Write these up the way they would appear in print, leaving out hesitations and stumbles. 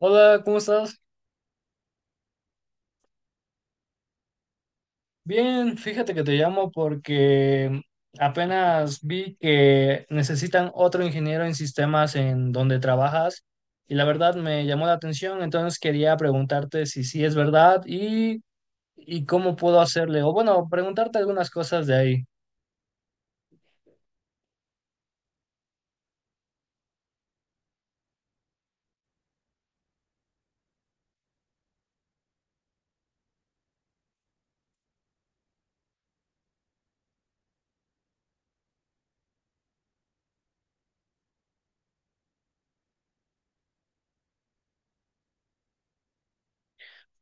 Hola, ¿cómo estás? Bien, fíjate que te llamo porque apenas vi que necesitan otro ingeniero en sistemas en donde trabajas y la verdad me llamó la atención, entonces quería preguntarte si sí es verdad y cómo puedo hacerle, o bueno, preguntarte algunas cosas de ahí.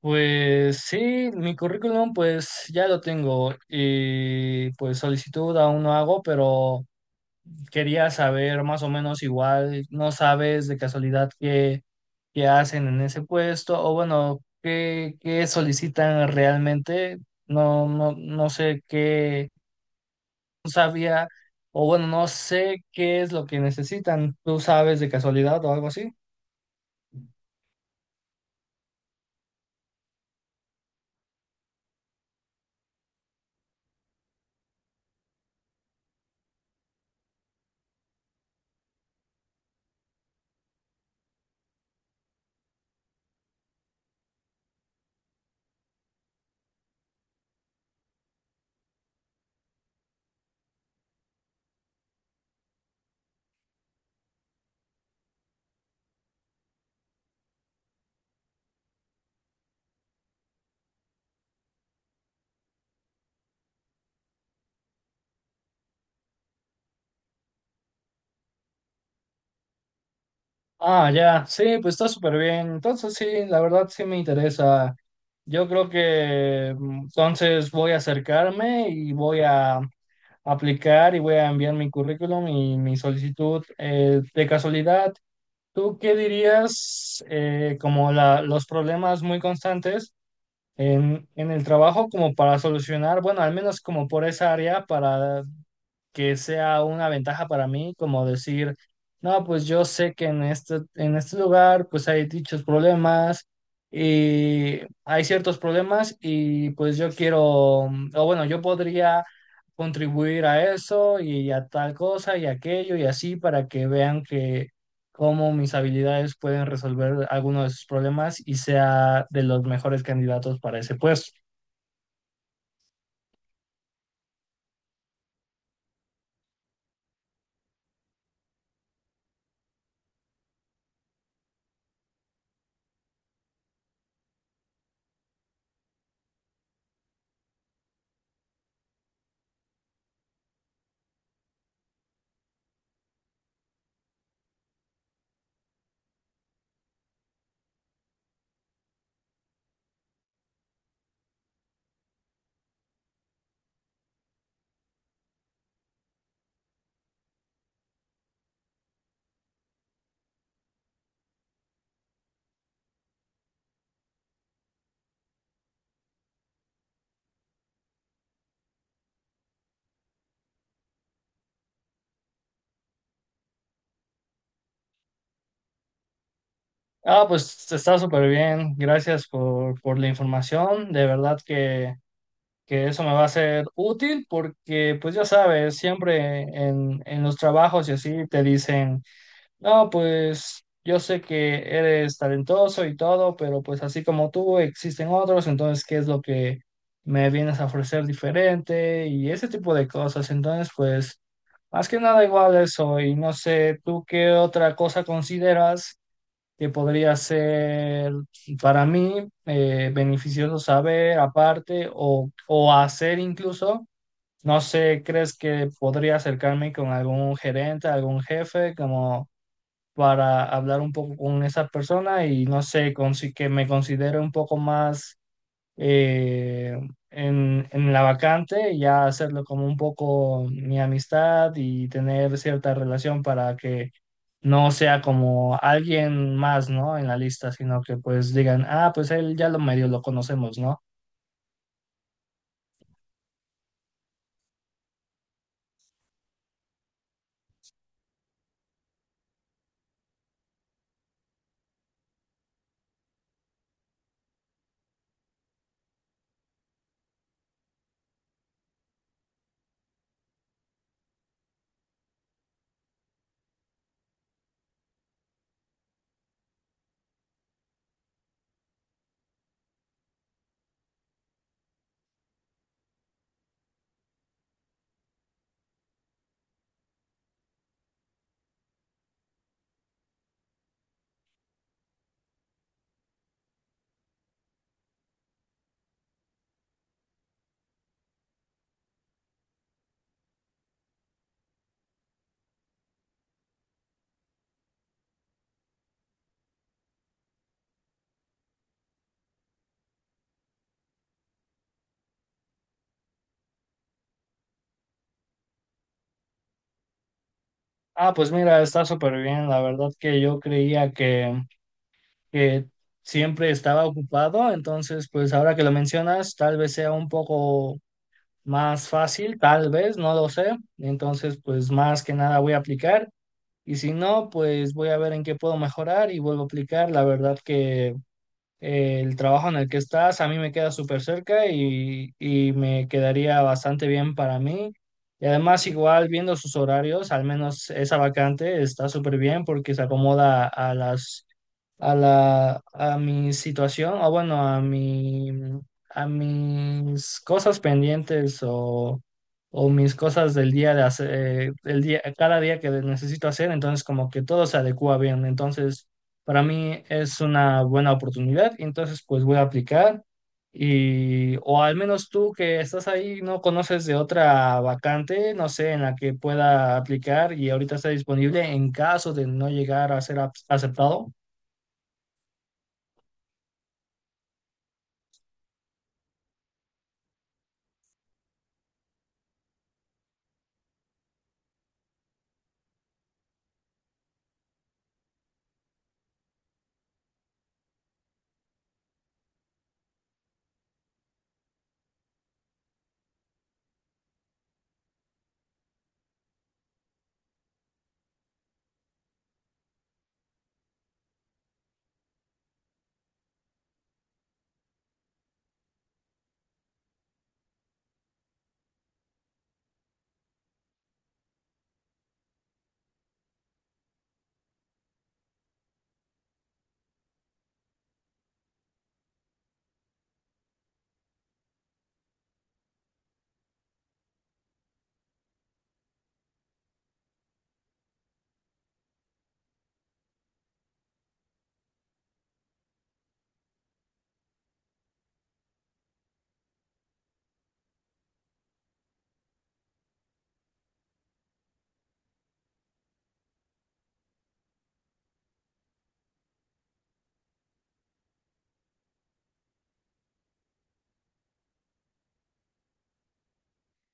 Pues sí, mi currículum pues ya lo tengo y pues solicitud aún no hago, pero... Quería saber más o menos igual, no sabes de casualidad qué hacen en ese puesto o bueno, qué solicitan realmente. No, no, no sé qué, no sabía o bueno, no sé qué es lo que necesitan. ¿Tú sabes de casualidad o algo así? Ah, ya, sí, pues está súper bien. Entonces sí, la verdad sí me interesa. Yo creo que entonces voy a acercarme y voy a aplicar y voy a enviar mi currículum y mi solicitud. De casualidad, ¿tú qué dirías como los problemas muy constantes en el trabajo como para solucionar, bueno, al menos como por esa área, para que sea una ventaja para mí, como decir, no, pues yo sé que en en este lugar pues hay dichos problemas y hay ciertos problemas y pues yo quiero, o bueno, yo podría contribuir a eso y a tal cosa y aquello y así para que vean que cómo mis habilidades pueden resolver algunos de sus problemas y sea de los mejores candidatos para ese puesto. Ah, pues está súper bien. Gracias por la información. De verdad que eso me va a ser útil porque, pues ya sabes, siempre en los trabajos y así te dicen, no, pues yo sé que eres talentoso y todo, pero pues así como tú existen otros, entonces, ¿qué es lo que me vienes a ofrecer diferente? Y ese tipo de cosas. Entonces, pues, más que nada igual eso. Y no sé, ¿tú qué otra cosa consideras que podría ser para mí beneficioso saber aparte o hacer incluso? No sé, ¿crees que podría acercarme con algún gerente, algún jefe, como para hablar un poco con esa persona y no sé, que me considere un poco más eh, en la vacante, ya hacerlo como un poco mi amistad y tener cierta relación para que no sea como alguien más, ¿no? En la lista, sino que pues digan, ah, pues él ya lo medio lo conocemos, ¿no? Ah, pues mira, está súper bien, la verdad que yo creía que siempre estaba ocupado, entonces pues ahora que lo mencionas, tal vez sea un poco más fácil, tal vez, no lo sé, entonces pues más que nada voy a aplicar. Y si no, pues voy a ver en qué puedo mejorar y vuelvo a aplicar. La verdad que el trabajo en el que estás a mí me queda súper cerca y me quedaría bastante bien para mí. Y además, igual viendo sus horarios, al menos esa vacante está súper bien porque se acomoda a a mi situación, o bueno, a mi, a mis cosas pendientes o mis cosas del día de hacer, del día, cada día que necesito hacer, entonces como que todo se adecua bien. Entonces, para mí es una buena oportunidad, y entonces pues voy a aplicar. Y, o al menos tú que estás ahí, no conoces de otra vacante, no sé, en la que pueda aplicar y ahorita está disponible en caso de no llegar a ser aceptado.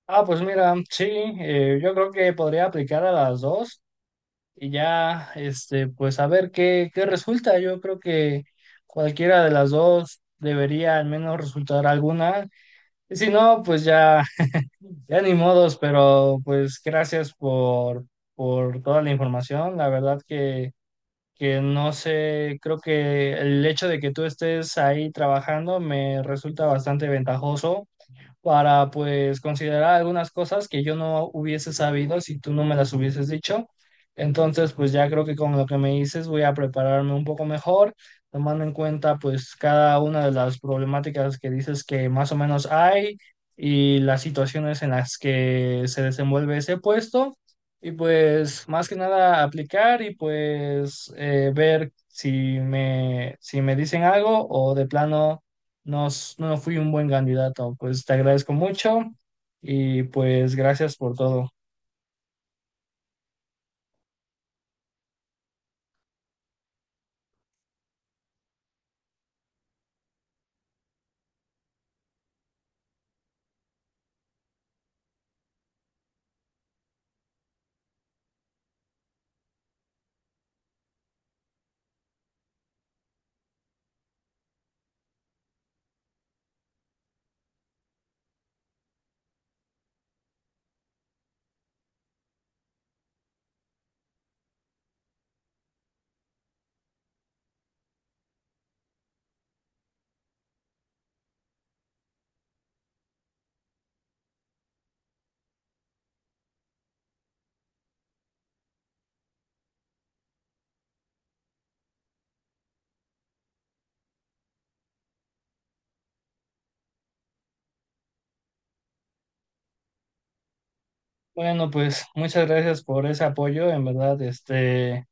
Ah, pues mira, sí, yo creo que podría aplicar a las dos y ya, este, pues a ver qué, qué resulta. Yo creo que cualquiera de las dos debería al menos resultar alguna. Y si no, pues ya, ya ni modos, pero pues gracias por toda la información. La verdad que no sé, creo que el hecho de que tú estés ahí trabajando me resulta bastante ventajoso para pues considerar algunas cosas que yo no hubiese sabido si tú no me las hubieses dicho. Entonces, pues ya creo que con lo que me dices voy a prepararme un poco mejor, tomando en cuenta pues cada una de las problemáticas que dices que más o menos hay y las situaciones en las que se desenvuelve ese puesto. Y pues más que nada aplicar y pues ver si si me dicen algo o de plano no, no fui un buen candidato. Pues te agradezco mucho y pues gracias por todo. Bueno, pues muchas gracias por ese apoyo, en verdad, este,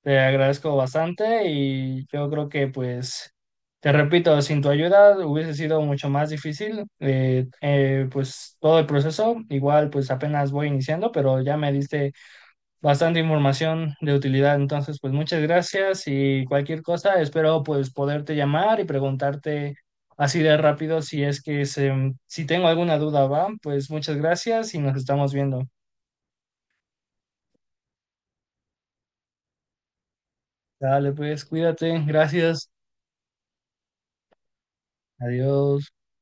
te agradezco bastante y yo creo que pues, te repito, sin tu ayuda hubiese sido mucho más difícil, pues todo el proceso, igual pues apenas voy iniciando, pero ya me diste bastante información de utilidad. Entonces, pues muchas gracias y cualquier cosa, espero pues poderte llamar y preguntarte así de rápido si es que se, si tengo alguna duda, va, pues muchas gracias y nos estamos viendo. Dale, pues cuídate, gracias, adiós.